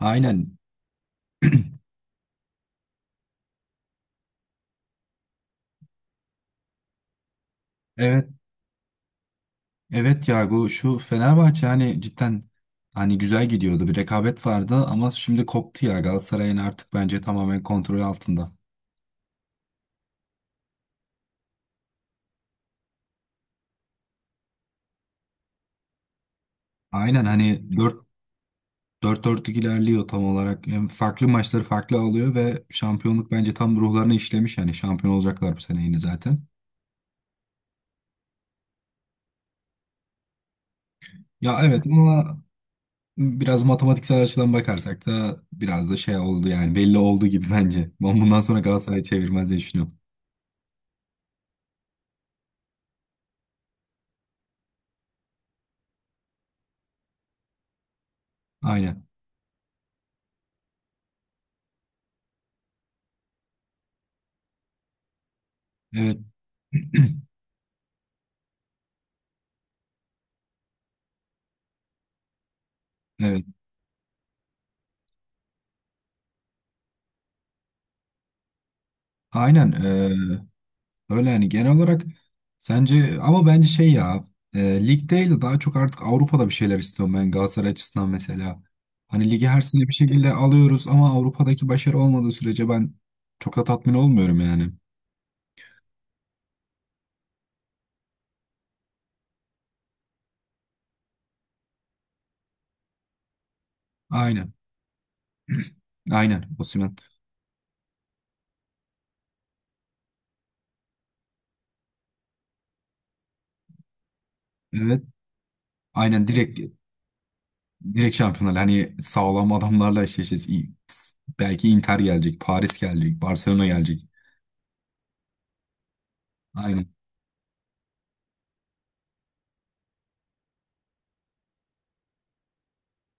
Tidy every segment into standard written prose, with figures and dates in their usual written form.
Aynen. Evet. Evet ya şu Fenerbahçe hani cidden hani güzel gidiyordu. Bir rekabet vardı ama şimdi koptu ya, Galatasaray'ın artık bence tamamen kontrol altında. Aynen hani dört 4lük ilerliyor tam olarak. Hem farklı maçları farklı alıyor ve şampiyonluk bence tam ruhlarına işlemiş, yani şampiyon olacaklar bu sene yine zaten. Ya evet, ama biraz matematiksel açıdan bakarsak da biraz da şey oldu, yani belli oldu gibi bence. Ben bundan sonra Galatasaray'ı çevirmez diye düşünüyorum. Aynen. Evet. Evet. Aynen, öyle yani. Genel olarak sence, ama bence şey ya, lig değil de daha çok artık Avrupa'da bir şeyler istiyorum ben Galatasaray açısından mesela. Hani ligi her sene bir şekilde alıyoruz ama Avrupa'daki başarı olmadığı sürece ben çok da tatmin olmuyorum yani. Aynen. Aynen, Osimhen. Evet. Aynen, direkt şampiyonlar, hani sağlam adamlarla eşleşeceğiz. Belki Inter gelecek, Paris gelecek, Barcelona gelecek. Aynen.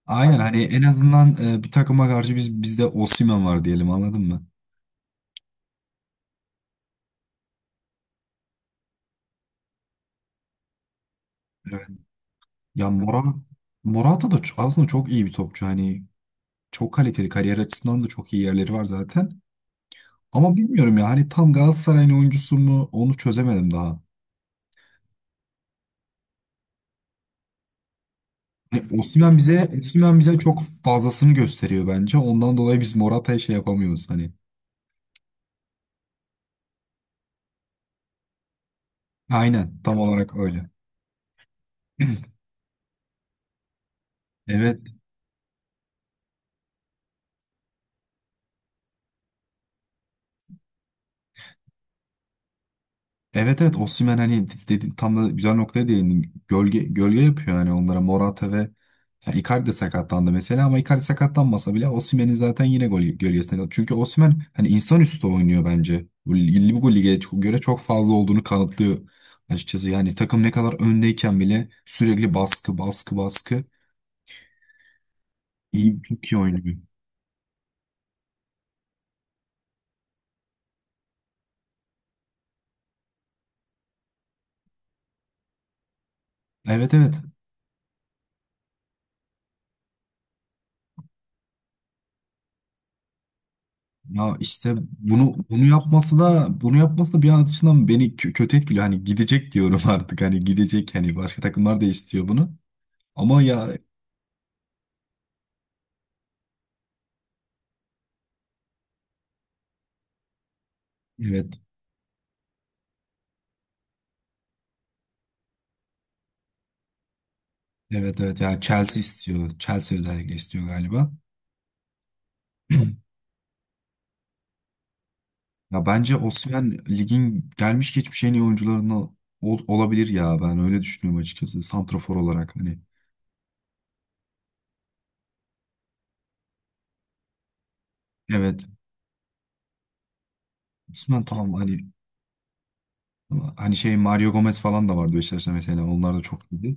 Aynen hani en azından, bir takıma karşı bizde Osimhen var diyelim, anladın mı? Evet. Ya Morata da aslında çok iyi bir topçu. Hani çok kaliteli, kariyer açısından da çok iyi yerleri var zaten. Ama bilmiyorum ya, hani tam Galatasaray'ın oyuncusu mu, onu çözemedim daha. Hani Osimhen bize çok fazlasını gösteriyor bence. Ondan dolayı biz Morata'ya şey yapamıyoruz hani. Aynen, tam olarak öyle. Evet. Evet, evet, Osimhen, hani dedi, tam da güzel noktaya değindin. Gölge gölge yapıyor yani onlara, Morata ve ya Icardi de sakatlandı mesela, ama Icardi sakatlanmasa bile Osimhen'in zaten yine gol gölgesinde, çünkü Osimhen hani insanüstü oynuyor bence. Bu lige göre çok fazla olduğunu kanıtlıyor açıkçası. Yani takım ne kadar öndeyken bile sürekli baskı baskı baskı, iyi, çok iyi oynuyor. Evet, evet. Ya işte bunu yapması da bir an açısından beni kötü etkiliyor. Hani gidecek diyorum artık. Hani gidecek, hani başka takımlar da istiyor bunu. Ama ya, evet, evet, evet, ya, Chelsea istiyor. Chelsea özellikle istiyor galiba. Ya bence Osimhen ligin gelmiş geçmiş en iyi oyuncularından olabilir ya. Ben öyle düşünüyorum açıkçası. Santrafor olarak hani. Evet. Osimhen, tamam hani, şey, Mario Gomez falan da vardı Beşiktaş'ta mesela. Onlar da çok iyiydi.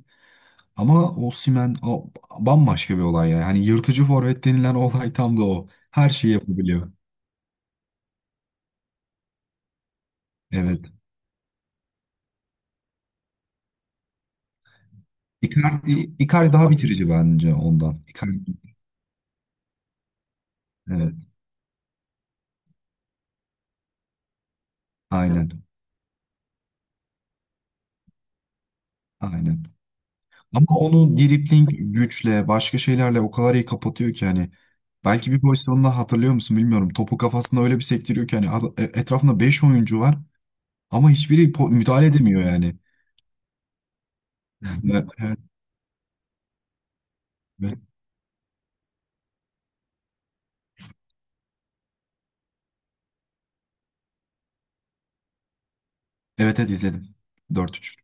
Ama Osimhen, o, bambaşka bir olay yani. Hani yırtıcı forvet denilen olay tam da o. Her şeyi yapabiliyor. Evet. Icardi, Icardi daha bitirici bence ondan. Icardi, evet. Aynen. Aynen. Ama onu dribling güçle, başka şeylerle o kadar iyi kapatıyor ki, hani belki bir pozisyonda, hatırlıyor musun, bilmiyorum. Topu kafasında öyle bir sektiriyor ki, hani etrafında 5 oyuncu var ama hiçbiri müdahale edemiyor yani. Evet, evet. Evet, evet, izledim. 4-3.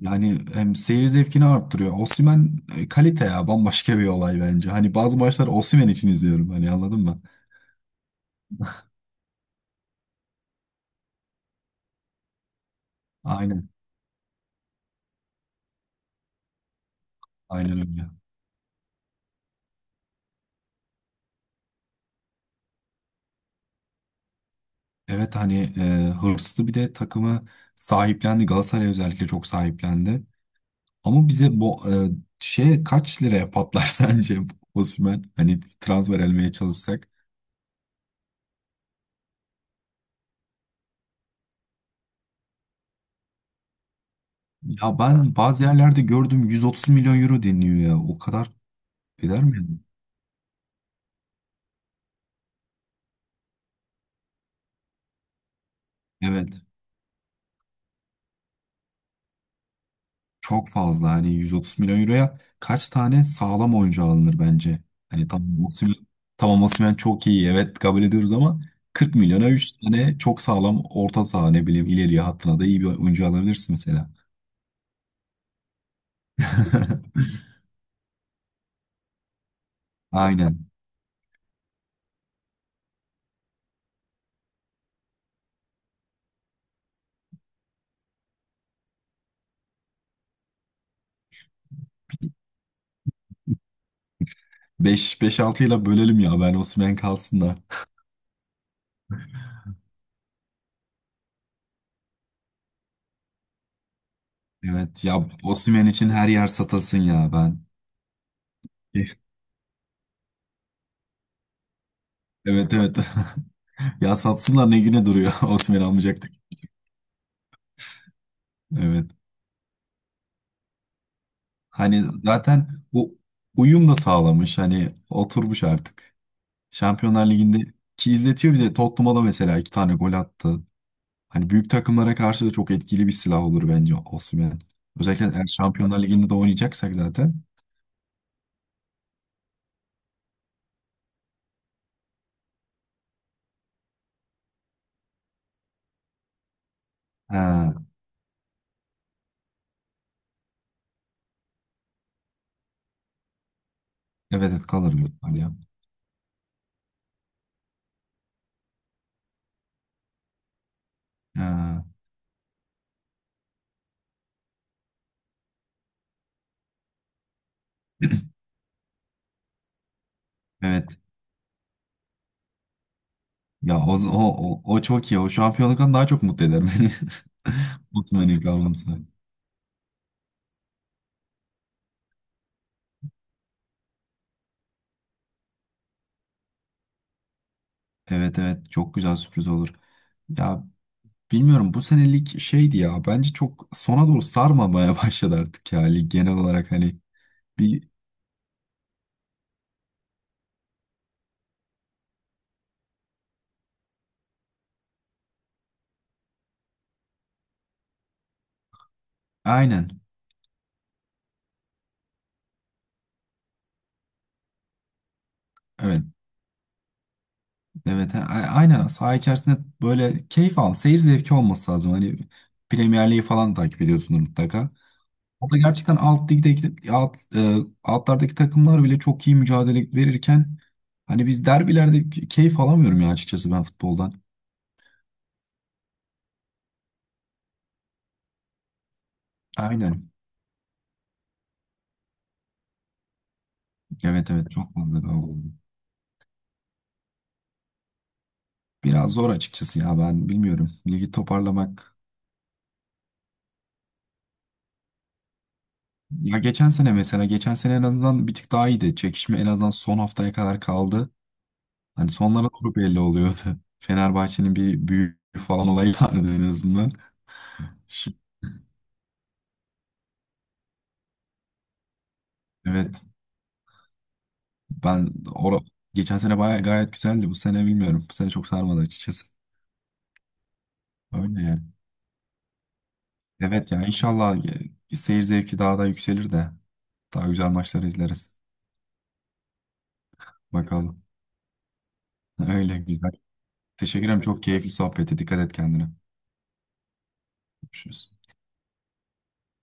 Yani hem seyir zevkini arttırıyor. Osimhen, kalite ya, bambaşka bir olay bence. Hani bazı maçlar Osimhen için izliyorum, hani anladın mı? Aynen. Aynen öyle. Evet hani, hırslı, bir de takımı sahiplendi. Galatasaray özellikle çok sahiplendi. Ama bize bu şey kaç liraya patlar sence, Osimhen? Hani transfer elmeye çalışsak. Ya ben bazı yerlerde gördüm, 130 milyon euro deniyor ya. O kadar eder mi? Evet. Çok fazla. Hani 130 milyon euroya kaç tane sağlam oyuncu alınır bence? Hani tamam, Osimhen çok iyi, evet, kabul ediyoruz, ama 40 milyona 3 tane çok sağlam orta saha, ne bileyim, ileriye hattına da iyi bir oyuncu alabilirsin mesela. Aynen. 5-5-6 ile bölelim ya, ben Osimhen kalsın da. Evet ya, Osimhen için her yer satılsın ya ben. Evet, evet. Ya satsınlar, ne güne duruyor Osimhen almayacaktık. Evet. Hani zaten bu uyum da sağlamış. Hani oturmuş artık. Şampiyonlar Ligi'nde ki izletiyor bize. Tottenham'a da mesela iki tane gol attı. Hani büyük takımlara karşı da çok etkili bir silah olur bence Osimhen. Özellikle eğer Şampiyonlar Ligi'nde de oynayacaksak zaten. Ha, evet, evet, kalır büyük ihtimal ya. Ha, evet. Ya, o çok iyi. O şampiyonluktan daha çok mutlu eder beni. Osimhen'in kalması. Evet, evet, çok güzel sürpriz olur. Ya bilmiyorum, bu senelik şeydi ya, bence çok sona doğru sarmamaya başladı artık ya lig, genel olarak hani bir, aynen, evet, evet, aynen, saha içerisinde böyle keyif al, seyir zevki olması lazım hani. Premier Lig'i falan takip ediyorsunuz mutlaka. O da gerçekten alt ligdeki altlardaki takımlar bile çok iyi mücadele verirken, hani biz derbilerde keyif alamıyorum ya, açıkçası ben futboldan. Aynen. Evet, evet, çok fazla oldu. Biraz zor açıkçası ya, ben bilmiyorum. Ligi toparlamak. Ya geçen sene mesela, geçen sene en azından bir tık daha iyiydi. Çekişme en azından son haftaya kadar kaldı. Hani sonlara doğru belli oluyordu. Fenerbahçe'nin bir büyük falan olayı vardı en azından. Şimdi, evet, ben or geçen sene baya gayet güzeldi. Bu sene bilmiyorum. Bu sene çok sarmadı açıkçası. Öyle yani. Evet yani inşallah seyir zevki daha da yükselir de daha güzel maçları izleriz. Bakalım. Öyle güzel. Teşekkür ederim. Çok keyifli sohbeti. Dikkat et kendine. Görüşürüz.